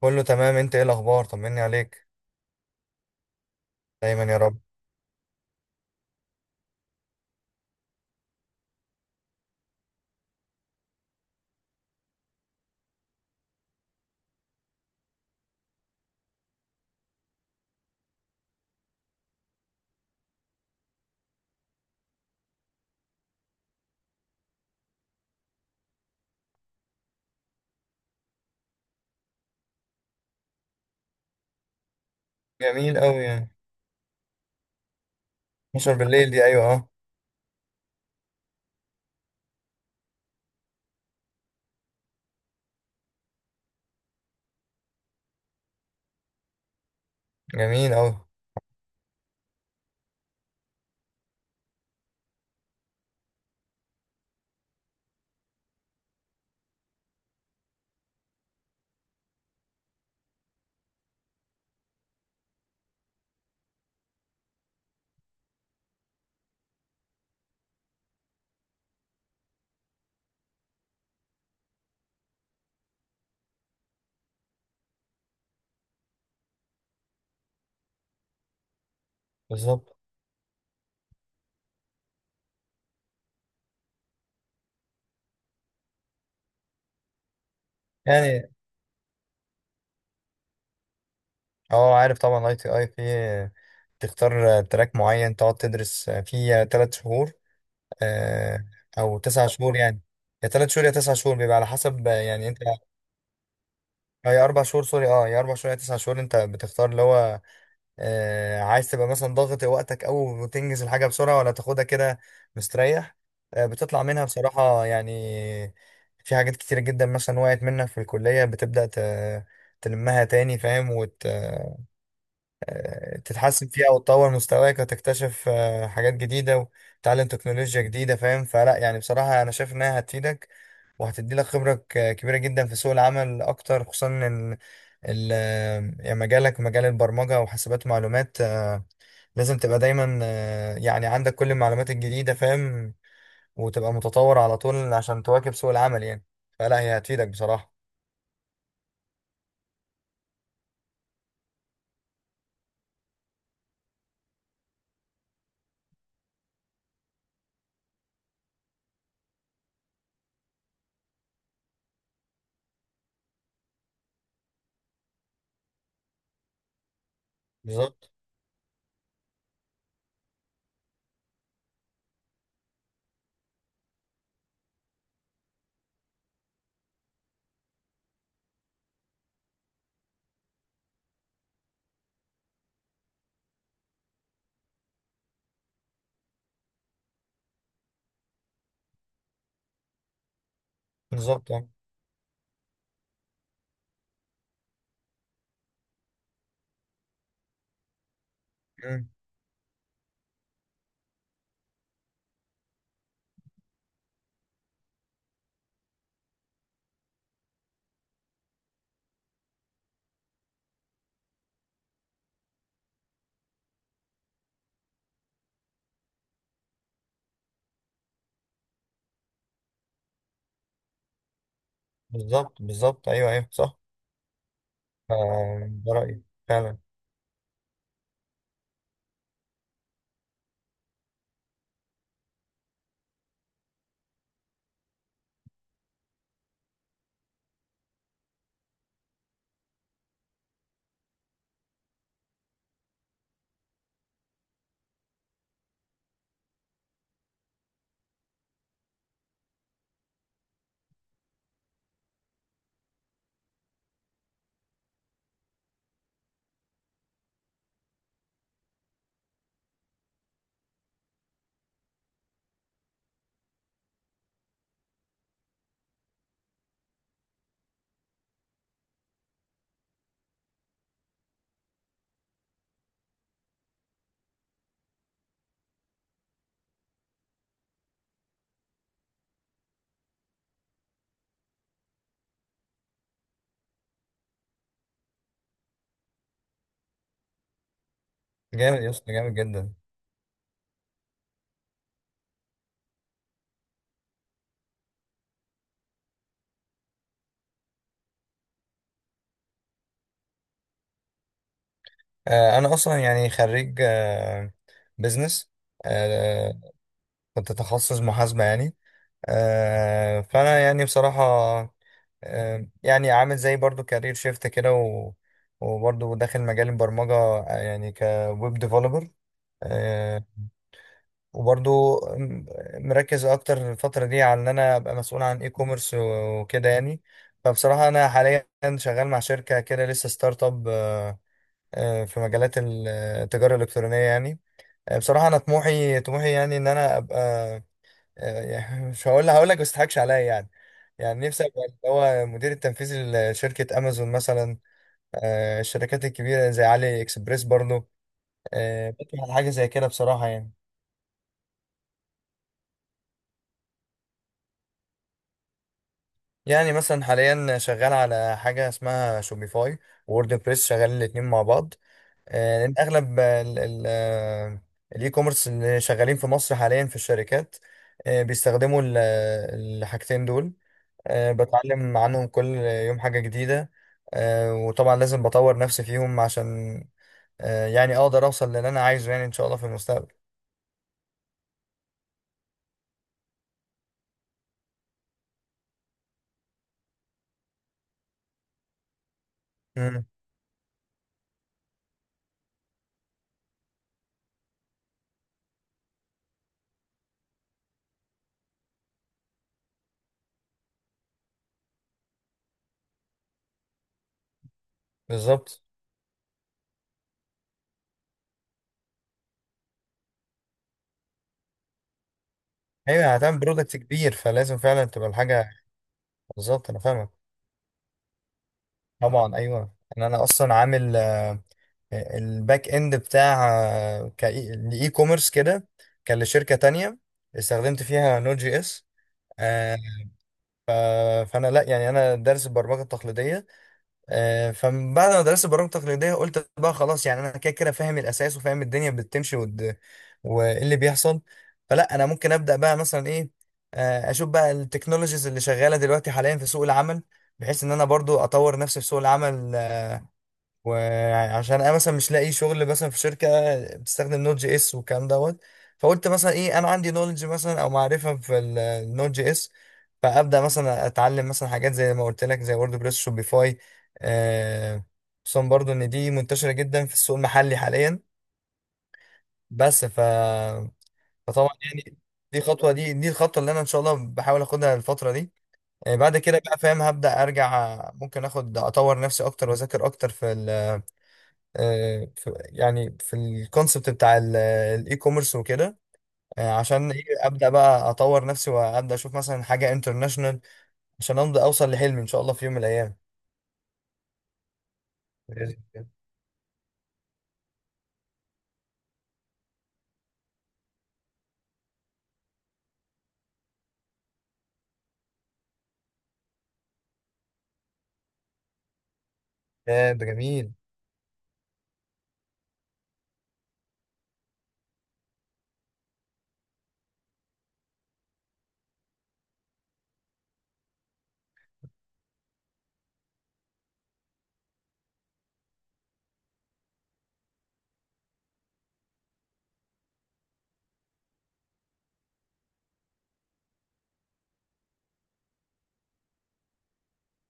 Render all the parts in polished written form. كله تمام. انت ايه الاخبار؟ طمني عليك. دايما يا رب. جميل قوي يعني. 12 بالليل دي، ايوه اه. جميل قوي. بالظبط يعني. اه، عارف طبعا اي تي اي، في تختار تراك معين تقعد تدرس فيه 3 شهور، آه، او 9 شهور يعني. يا 3 شهور يا 9 شهور، بيبقى على حسب يعني انت. اه، يا 4 شهور، سوري يا 4 شهور يا 9 شهور. انت بتختار اللي هو عايز تبقى مثلا ضاغط وقتك أوي وتنجز الحاجة بسرعة، ولا تاخدها كده مستريح. بتطلع منها بصراحة يعني في حاجات كتيرة جدا، مثلا وقعت منك في الكلية، بتبدأ تلمها تاني فاهم، وتتحسن فيها وتطور مستواك وتكتشف حاجات جديدة، وتتعلم تكنولوجيا جديدة فاهم. فلا يعني بصراحة أنا شايف إنها هتفيدك، وهتدي لك خبرة كبيرة جدا في سوق العمل أكتر، خصوصا إن ال- يعني مجالك مجال البرمجة وحاسبات معلومات، لازم تبقى دايما يعني عندك كل المعلومات الجديدة فاهم، وتبقى متطور على طول عشان تواكب سوق العمل يعني. فلا هي هتفيدك بصراحة. بالظبط بالظبط. آه. مم. بالظبط بالظبط أيوه أيوه صح. ده رأيي فعلا. جامد يا اسطى، جامد جدا. أنا أصلا يعني خريج بزنس، كنت تخصص محاسبة يعني. فانا يعني بصراحه يعني عامل زي برضو كارير شيفت كده، و... وبرضو داخل مجال البرمجه يعني كويب ديفلوبر، وبرضو مركز اكتر الفتره دي على ان انا ابقى مسؤول عن اي كوميرس وكده يعني. فبصراحه انا حاليا شغال مع شركه كده لسه ستارت اب، في مجالات التجاره الالكترونيه يعني. بصراحه انا طموحي طموحي يعني ان انا ابقى، يعني مش هقول، هقول لك بس تضحكش عليا يعني. يعني نفسي ابقى اللي هو مدير التنفيذي لشركة امازون مثلا، الشركات الكبيرة زي علي اكسبريس برضو. بطمح على حاجة زي كده بصراحة يعني. يعني مثلا حاليا شغال على حاجة اسمها شوبيفاي، وورد بريس، شغالين الاتنين مع بعض. لأن أغلب الإي كوميرس اللي شغالين في مصر حاليا في الشركات، بيستخدموا الحاجتين دول. بتعلم عنهم كل يوم حاجة جديدة، وطبعا لازم بطور نفسي فيهم عشان يعني اقدر اوصل للي انا عايزه، يعني ان شاء الله في المستقبل. امم. بالظبط. ايوه يعني هتعمل برودكت كبير، فلازم فعلا تبقى الحاجة. بالظبط، انا فاهمك. طبعا ايوه، ان انا اصلا عامل الباك اند بتاع لاي كوميرس كده، كان لشركة تانية استخدمت فيها نود جي اس. آه، فانا لا يعني انا دارس البرمجة التقليدية. فبعد ما درست برامج تقليدية، قلت بقى خلاص، يعني أنا كده كده فاهم الأساس وفاهم الدنيا بتمشي، وإيه اللي بيحصل. فلا أنا ممكن أبدأ بقى مثلا إيه، أشوف بقى التكنولوجيز اللي شغالة دلوقتي حاليا في سوق العمل، بحيث إن أنا برضو أطور نفسي في سوق العمل. وعشان انا مثلا مش لاقي شغل مثلا في شركه بتستخدم نوت جي اس والكلام دوت، فقلت مثلا ايه، انا عندي نولج مثلا او معرفه في النوت جي اس، فابدا مثلا اتعلم مثلا حاجات زي ما قلت لك زي وورد بريس شوبيفاي، آه، خصوصا برضو ان دي منتشره جدا في السوق المحلي حاليا. بس ف فطبعا يعني دي خطوه دي دي الخطوه اللي انا ان شاء الله بحاول اخدها الفتره دي. بعد كده بقى فاهم هبدا ارجع، ممكن اخد اطور نفسي اكتر واذاكر اكتر يعني في الكونسبت بتاع الاي كوميرس وكده. عشان ايه ابدا بقى اطور نفسي، وابدا اشوف مثلا حاجه انترناشونال عشان امضي اوصل لحلمي ان شاء الله في يوم من الايام بإذن الله. ده جميل.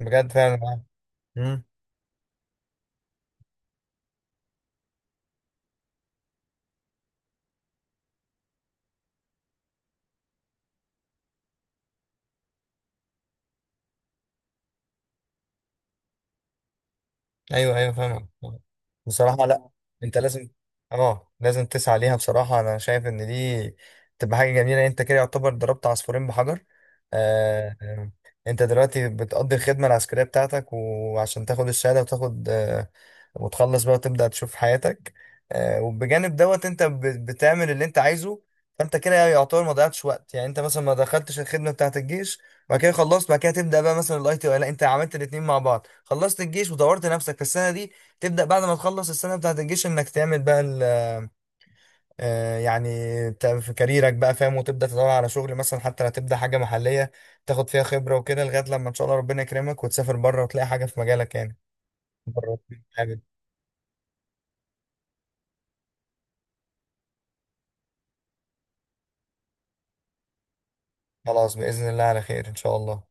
بجد فعلا. ايوه ايوه فاهمك. بصراحه لا، انت لازم، اه لازم تسعى ليها. بصراحه انا شايف ان دي تبقى حاجه جميله، انت كده يعتبر ضربت عصفورين بحجر. آه آه، انت دلوقتي بتقضي الخدمه العسكريه بتاعتك، وعشان تاخد الشهاده وتاخد وتخلص بقى وتبدا تشوف حياتك، وبجانب دوت انت بتعمل اللي انت عايزه. فانت كده يعتبر ما ضيعتش وقت، يعني انت مثلا ما دخلتش الخدمه بتاعت الجيش بعد كده خلصت، بعد كده تبدا بقى مثلا الاي تي، لا انت عملت الاثنين مع بعض، خلصت الجيش وطورت نفسك في السنه دي. تبدا بعد ما تخلص السنه بتاعت الجيش انك تعمل بقى يعني في كاريرك بقى فاهم، وتبدا تدور على شغل مثلا حتى لو تبدا حاجه محليه تاخد فيها خبره وكده، لغايه لما ان شاء الله ربنا يكرمك وتسافر بره وتلاقي حاجه في مجالك يعني. بره. حابب. خلاص باذن الله على خير، ان شاء الله.